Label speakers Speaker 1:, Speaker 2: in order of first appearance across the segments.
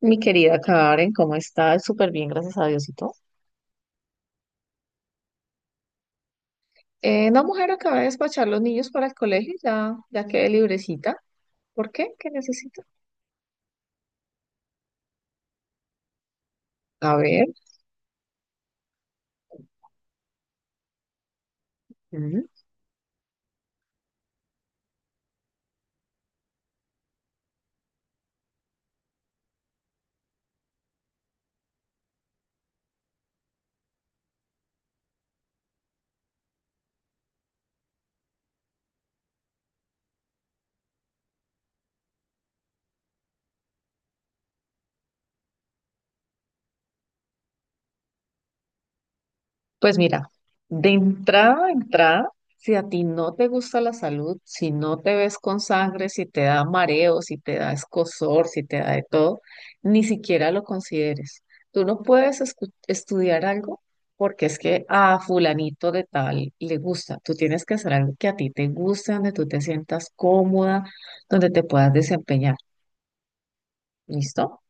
Speaker 1: Mi querida Karen, ¿cómo estás? Súper bien, gracias a Diosito. No, mujer, acaba de despachar los niños para el colegio, ya quedé librecita. ¿Por qué? ¿Qué necesito? A ver. Pues mira, de entrada a entrada, si a ti no te gusta la salud, si no te ves con sangre, si te da mareo, si te da escozor, si te da de todo, ni siquiera lo consideres. Tú no puedes estudiar algo porque es que a fulanito de tal le gusta. Tú tienes que hacer algo que a ti te guste, donde tú te sientas cómoda, donde te puedas desempeñar. ¿Listo?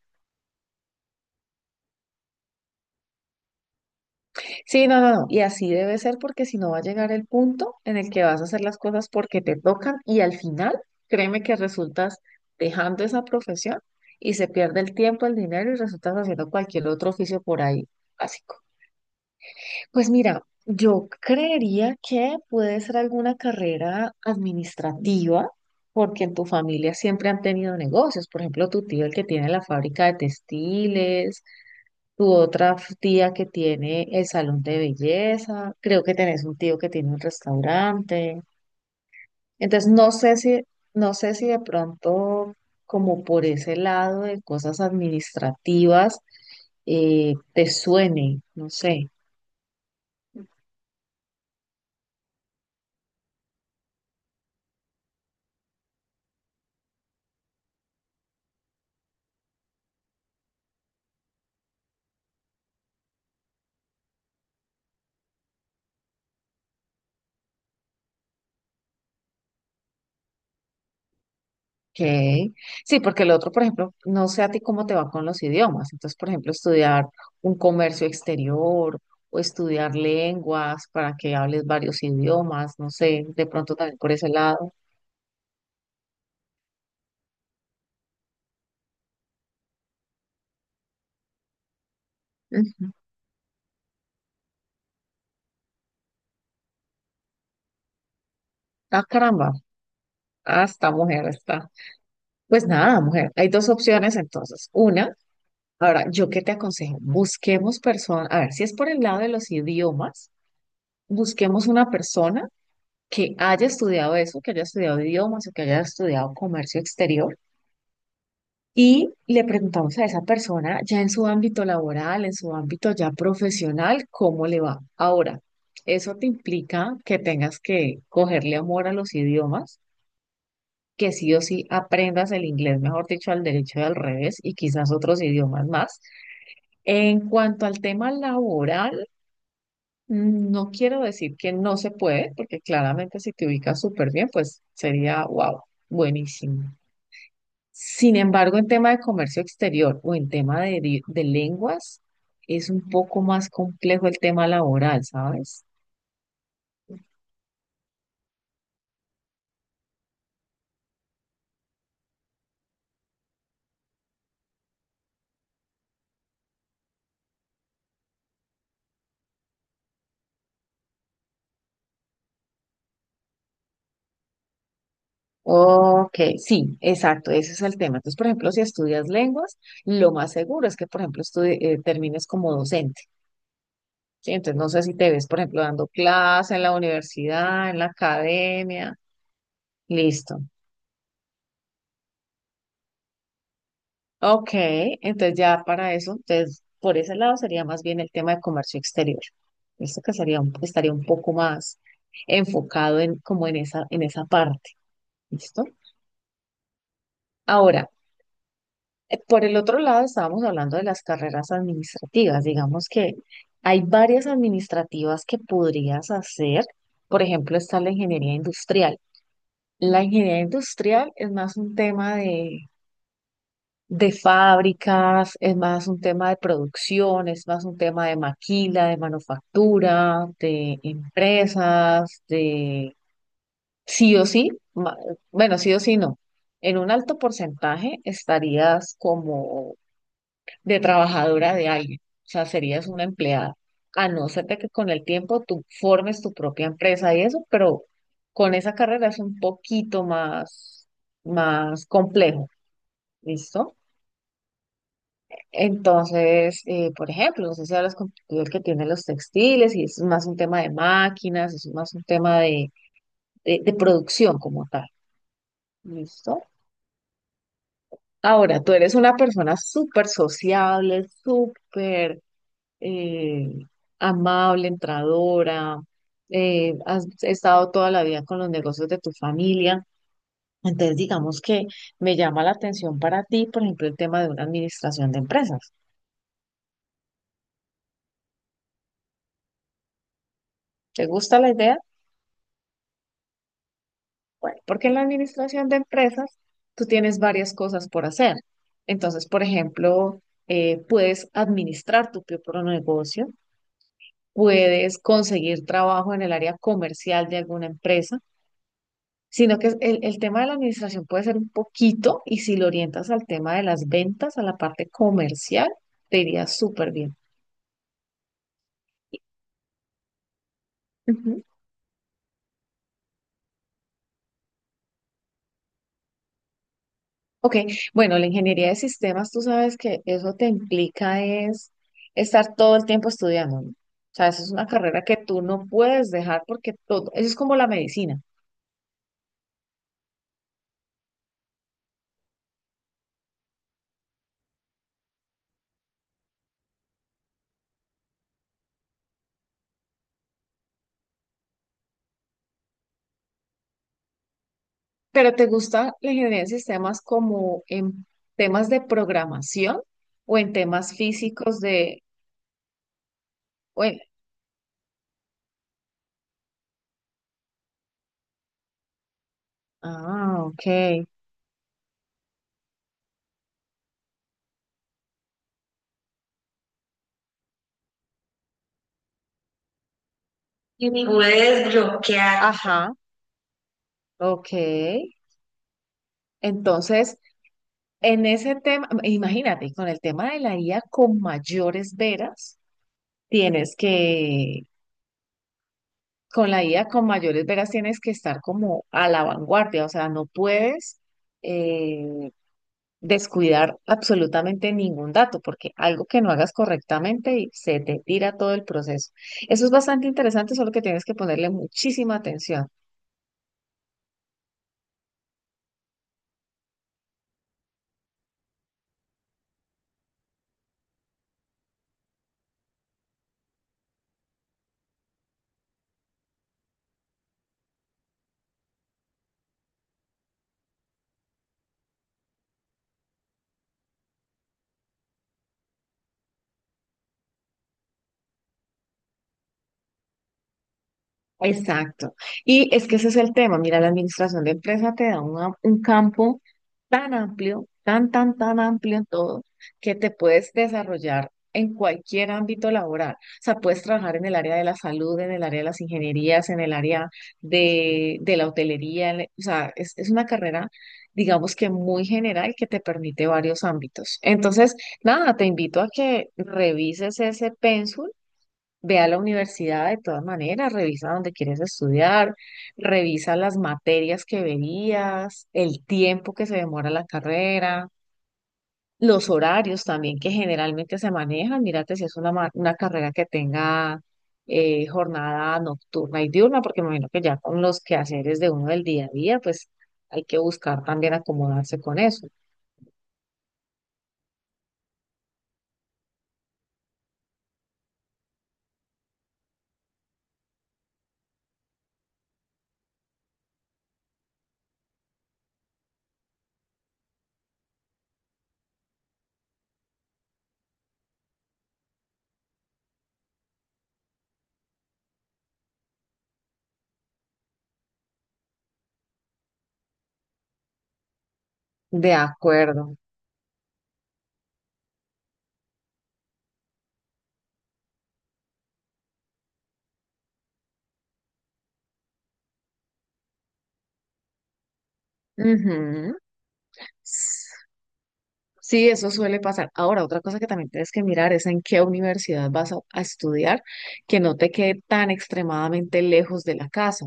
Speaker 1: Sí, no, no, no. Y así debe ser porque si no va a llegar el punto en el que vas a hacer las cosas porque te tocan y al final, créeme que resultas dejando esa profesión y se pierde el tiempo, el dinero y resultas haciendo cualquier otro oficio por ahí básico. Pues mira, yo creería que puede ser alguna carrera administrativa porque en tu familia siempre han tenido negocios. Por ejemplo, tu tío el que tiene la fábrica de textiles, tu otra tía que tiene el salón de belleza, creo que tenés un tío que tiene un restaurante. Entonces, no sé si de pronto, como por ese lado de cosas administrativas, te suene, no sé. Ok. Sí, porque el otro, por ejemplo, no sé a ti cómo te va con los idiomas. Entonces, por ejemplo, estudiar un comercio exterior o estudiar lenguas para que hables varios idiomas, no sé, de pronto también por ese lado. Ah, caramba. Ah, esta mujer está. Pues nada, mujer. Hay dos opciones entonces. Una, ahora, ¿yo qué te aconsejo? Busquemos personas, a ver, si es por el lado de los idiomas, busquemos una persona que haya estudiado eso, que haya estudiado idiomas o que haya estudiado comercio exterior. Y le preguntamos a esa persona ya en su ámbito laboral, en su ámbito ya profesional, cómo le va. Ahora, eso te implica que tengas que cogerle amor a los idiomas, que sí o sí aprendas el inglés, mejor dicho, al derecho y al revés y quizás otros idiomas más. En cuanto al tema laboral, no quiero decir que no se puede, porque claramente si te ubicas súper bien, pues sería, wow, buenísimo. Sin embargo, en tema de comercio exterior o en tema de lenguas, es un poco más complejo el tema laboral, ¿sabes? Ok, sí, exacto, ese es el tema. Entonces, por ejemplo, si estudias lenguas, lo más seguro es que, por ejemplo, termines como docente, ¿sí? Entonces, no sé si te ves, por ejemplo, dando clase en la universidad, en la academia, listo. Ok, entonces ya para eso, entonces, por ese lado sería más bien el tema de comercio exterior. Esto que estaría un poco más enfocado en como en en esa parte, ¿listo? Ahora, por el otro lado, estábamos hablando de las carreras administrativas. Digamos que hay varias administrativas que podrías hacer. Por ejemplo, está la ingeniería industrial. La ingeniería industrial es más un tema de fábricas, es más un tema de producción, es más un tema de maquila, de manufactura, de empresas, de sí o sí. ma- Bueno, sí o sí no. En un alto porcentaje estarías como de trabajadora de alguien, o sea, serías una empleada, a no ser de que con el tiempo tú formes tu propia empresa y eso, pero con esa carrera es un poquito más, más complejo, ¿listo? Entonces, por ejemplo, no sé si hablas con tu tío el que tiene los textiles y es más un tema de máquinas, es más un tema de producción como tal, ¿listo? Ahora, tú eres una persona súper sociable, súper eh, amable, entradora, has estado toda la vida con los negocios de tu familia. Entonces, digamos que me llama la atención para ti, por ejemplo, el tema de una administración de empresas. ¿Te gusta la idea? Bueno, porque en la administración de empresas tú tienes varias cosas por hacer. Entonces, por ejemplo, puedes administrar tu propio negocio, puedes conseguir trabajo en el área comercial de alguna empresa, sino que el tema de la administración puede ser un poquito y si lo orientas al tema de las ventas, a la parte comercial, te iría súper bien. Ujú. Ok, bueno, la ingeniería de sistemas, tú sabes que eso te implica es estar todo el tiempo estudiando, ¿no? O sea, eso es una carrera que tú no puedes dejar porque todo, eso es como la medicina. ¿Pero te gusta la ingeniería de sistemas como en temas de programación o en temas físicos de, bueno, ah, ok. Y pude desbloquear. Ajá, ok. Entonces, en ese tema, imagínate, con el tema de la IA con mayores veras, tienes que, con la IA con mayores veras tienes que estar como a la vanguardia, o sea, no puedes eh, descuidar absolutamente ningún dato, porque algo que no hagas correctamente y se te tira todo el proceso. Eso es bastante interesante, solo que tienes que ponerle muchísima atención. Exacto. Y es que ese es el tema. Mira, la administración de empresa te da un campo tan amplio, tan amplio en todo, que te puedes desarrollar en cualquier ámbito laboral. O sea, puedes trabajar en el área de la salud, en el área de las ingenierías, en el área de la hotelería. O sea, es una carrera, digamos que muy general que te permite varios ámbitos. Entonces, nada, te invito a que revises ese pénsul. Ve a la universidad de todas maneras, revisa dónde quieres estudiar, revisa las materias que verías, el tiempo que se demora la carrera, los horarios también que generalmente se manejan. Mírate si es una carrera que tenga jornada nocturna y diurna, porque me imagino que ya con los quehaceres de uno del día a día, pues hay que buscar también acomodarse con eso. De acuerdo. Ujú. Sí, eso suele pasar. Ahora, otra cosa que también tienes que mirar es en qué universidad a estudiar, que no te quede tan extremadamente lejos de la casa,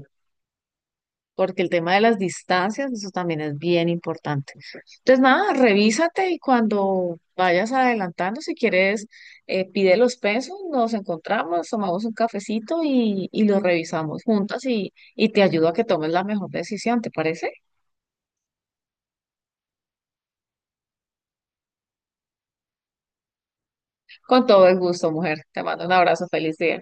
Speaker 1: porque el tema de las distancias, eso también es bien importante. Entonces, nada, revísate y cuando vayas adelantando, si quieres, pide los pesos, nos encontramos, tomamos un cafecito y lo revisamos juntas y te ayudo a que tomes la mejor decisión, ¿te parece? Con todo el gusto, mujer. Te mando un abrazo, feliz día.